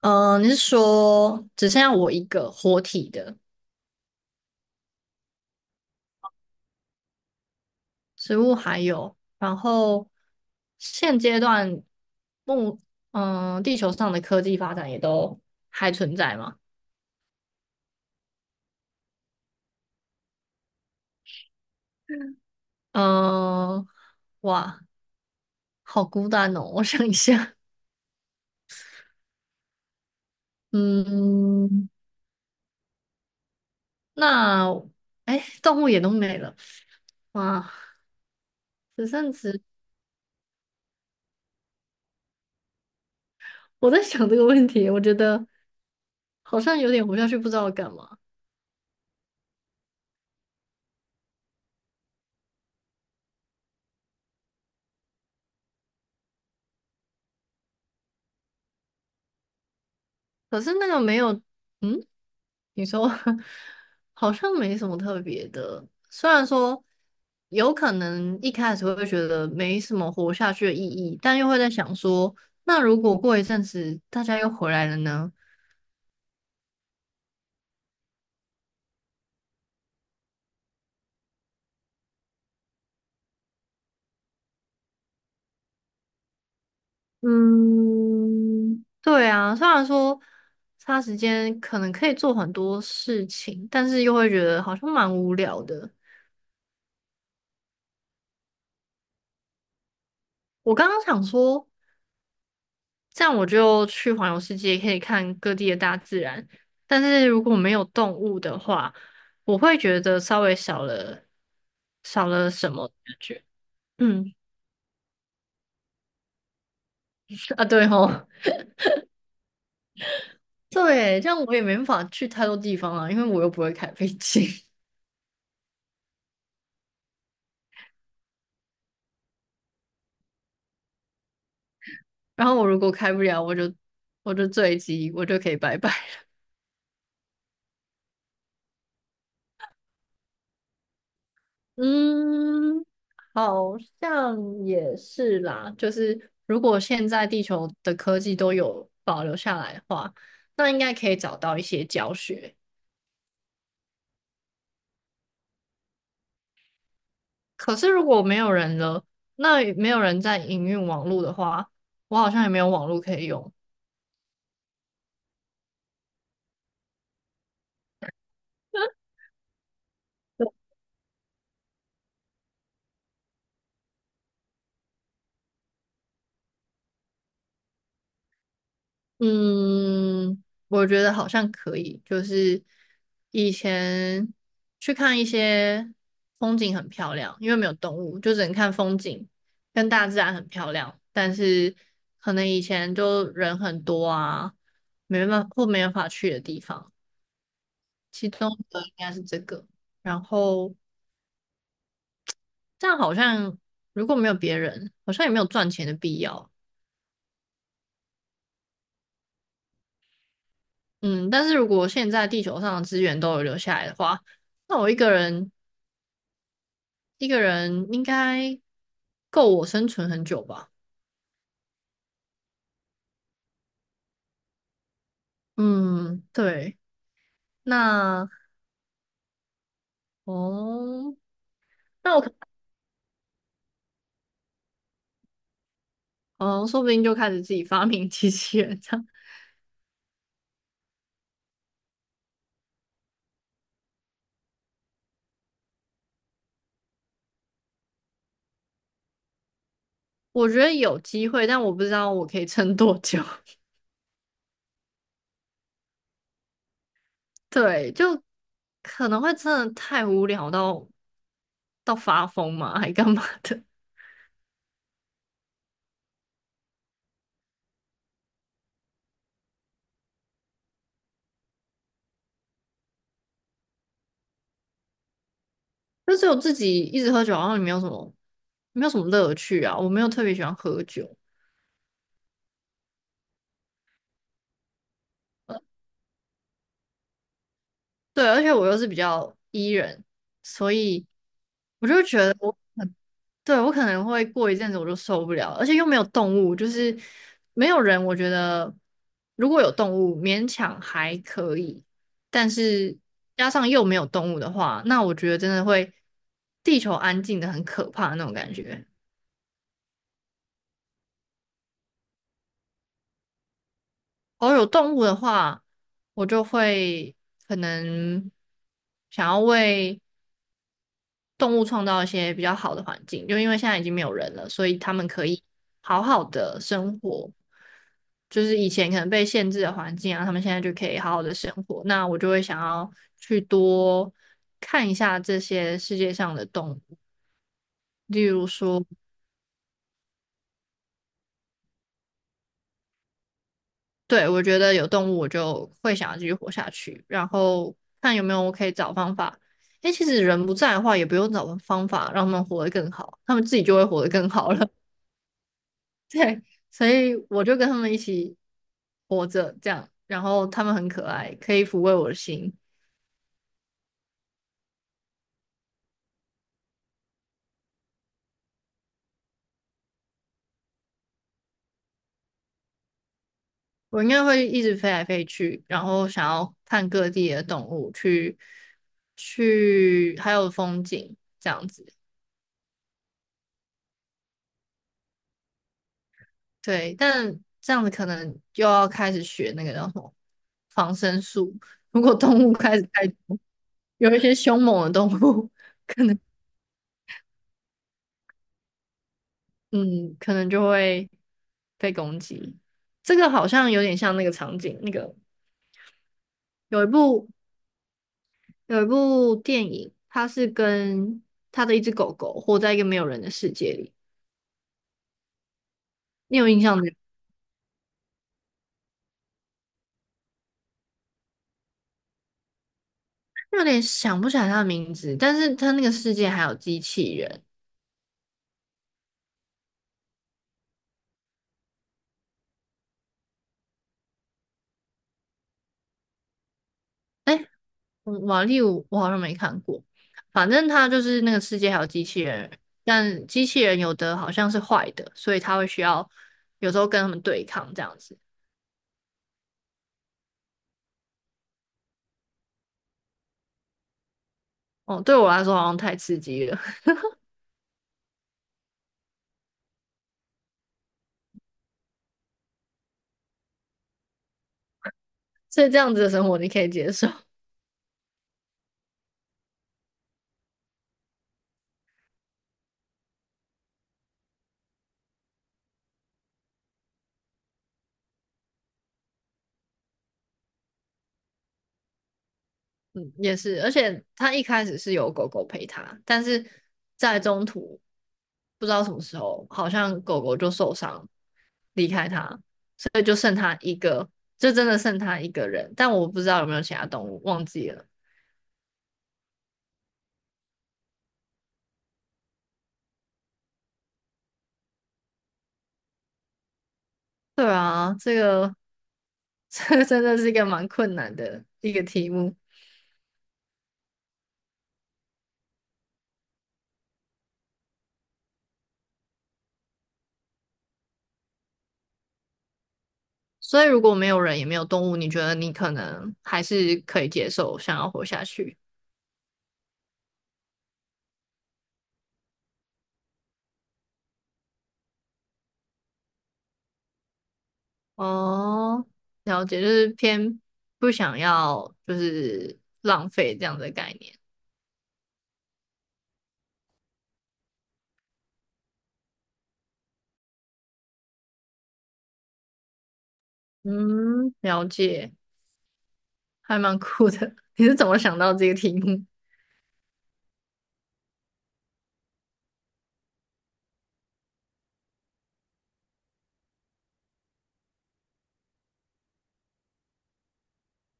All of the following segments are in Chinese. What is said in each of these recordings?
你是说只剩下我一个活体的植物还有，然后现阶段目地球上的科技发展也都还存在吗？嗯、哇，好孤单哦，我想一下，嗯，那哎，动物也都没了，哇，只剩植，我在想这个问题，我觉得好像有点活下去，不知道干嘛。可是那个没有，嗯。你说 好像没什么特别的，虽然说有可能一开始会觉得没什么活下去的意义，但又会在想说，那如果过一阵子大家又回来了呢？嗯，对啊，虽然说差时间可能可以做很多事情，但是又会觉得好像蛮无聊的。我刚刚想说，这样我就去环游世界，可以看各地的大自然。但是如果没有动物的话，我会觉得稍微少了什么感觉。嗯，啊，对吼，对，这样我也没办法去太多地方啊，因为我又不会开飞机。然后我如果开不了，我就坠机，我就可以拜拜。嗯，好像也是啦。就是如果现在地球的科技都有保留下来的话，那应该可以找到一些教学。可是如果没有人了，那没有人在营运网络的话，我好像也没有网络可以用。嗯，我觉得好像可以，就是以前去看一些风景很漂亮，因为没有动物，就只能看风景，跟大自然很漂亮。但是可能以前就人很多啊，没办法或没办法去的地方，其中的应该是这个。然后这样好像如果没有别人，好像也没有赚钱的必要。嗯，但是如果现在地球上的资源都有留下来的话，那我一个人。一个人应该够我生存很久吧？嗯，对。那哦，那我可哦，说不定就开始自己发明机器人这样。我觉得有机会，但我不知道我可以撑多久。对，就可能会真的太无聊到发疯嘛，还干嘛的？就只有自己一直喝酒，然后也没有什么乐趣啊。我没有特别喜欢喝酒，对，而且我又是比较 E 人，所以我就觉得。我。对，我可能会过一阵子我就受不了了，而且又没有动物，就是没有人。我觉得如果有动物，勉强还可以，但是加上又没有动物的话，那我觉得真的会地球安静的很可怕那种感觉。偶尔有动物的话，我就会可能想要为动物创造一些比较好的环境，就因为现在已经没有人了，所以他们可以好好的生活。就是以前可能被限制的环境啊，他们现在就可以好好的生活。那我就会想要去多看一下这些世界上的动物，例如说，对，我觉得有动物我就会想要继续活下去，然后看有没有我可以找方法。诶，其实人不在的话，也不用找方法让他们活得更好，他们自己就会活得更好了。对，所以我就跟他们一起活着这样，然后他们很可爱，可以抚慰我的心。我应该会一直飞来飞去，然后想要看各地的动物，去还有风景这样子。对，但这样子可能又要开始学那个叫什么防身术。如果动物开始太多有一些凶猛的动物，嗯，可能就会被攻击。这个好像有点像那个场景，那个。有一部有一部电影，它是跟他的一只狗狗活在一个没有人的世界里，你有印象吗？有点想不起来它的名字，但是它那个世界还有机器人。哎，嗯瓦力我好像没看过，反正它就是那个世界还有机器人，但机器人有的好像是坏的，所以它会需要有时候跟他们对抗这样子。哦，对我来说好像太刺激了，所以这样子的生活你可以接受。嗯，也是，而且他一开始是有狗狗陪他，但是在中途不知道什么时候，好像狗狗就受伤离开他，对，就剩他一个，就真的剩他一个人，但我不知道有没有其他动物，忘记了。对啊，这个 这个真的是一个蛮困难的一个题目，所以如果没有人也没有动物，你觉得你可能还是可以接受，想要活下去？哦，了解，就是偏不想要，就是浪费这样的概念。嗯，了解，还蛮酷的。你是怎么想到这个题目？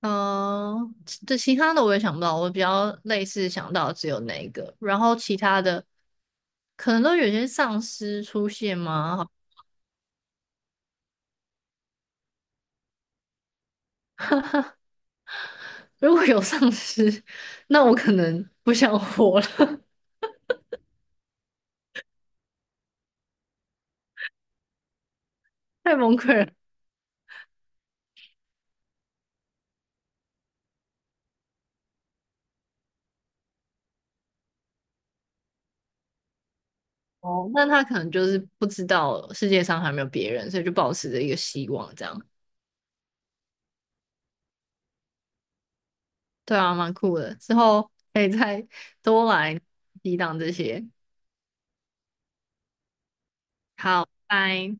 嗯，这其他的我也想不到，我比较类似想到只有那一个，然后其他的可能都有些丧尸出现吗？如果有丧尸，那我可能不想活了，太崩溃了。哦，那他可能就是不知道世界上还有没有别人，所以就保持着一个希望，这样。对啊，蛮酷的。之后可以再多来抵挡这些。好，拜。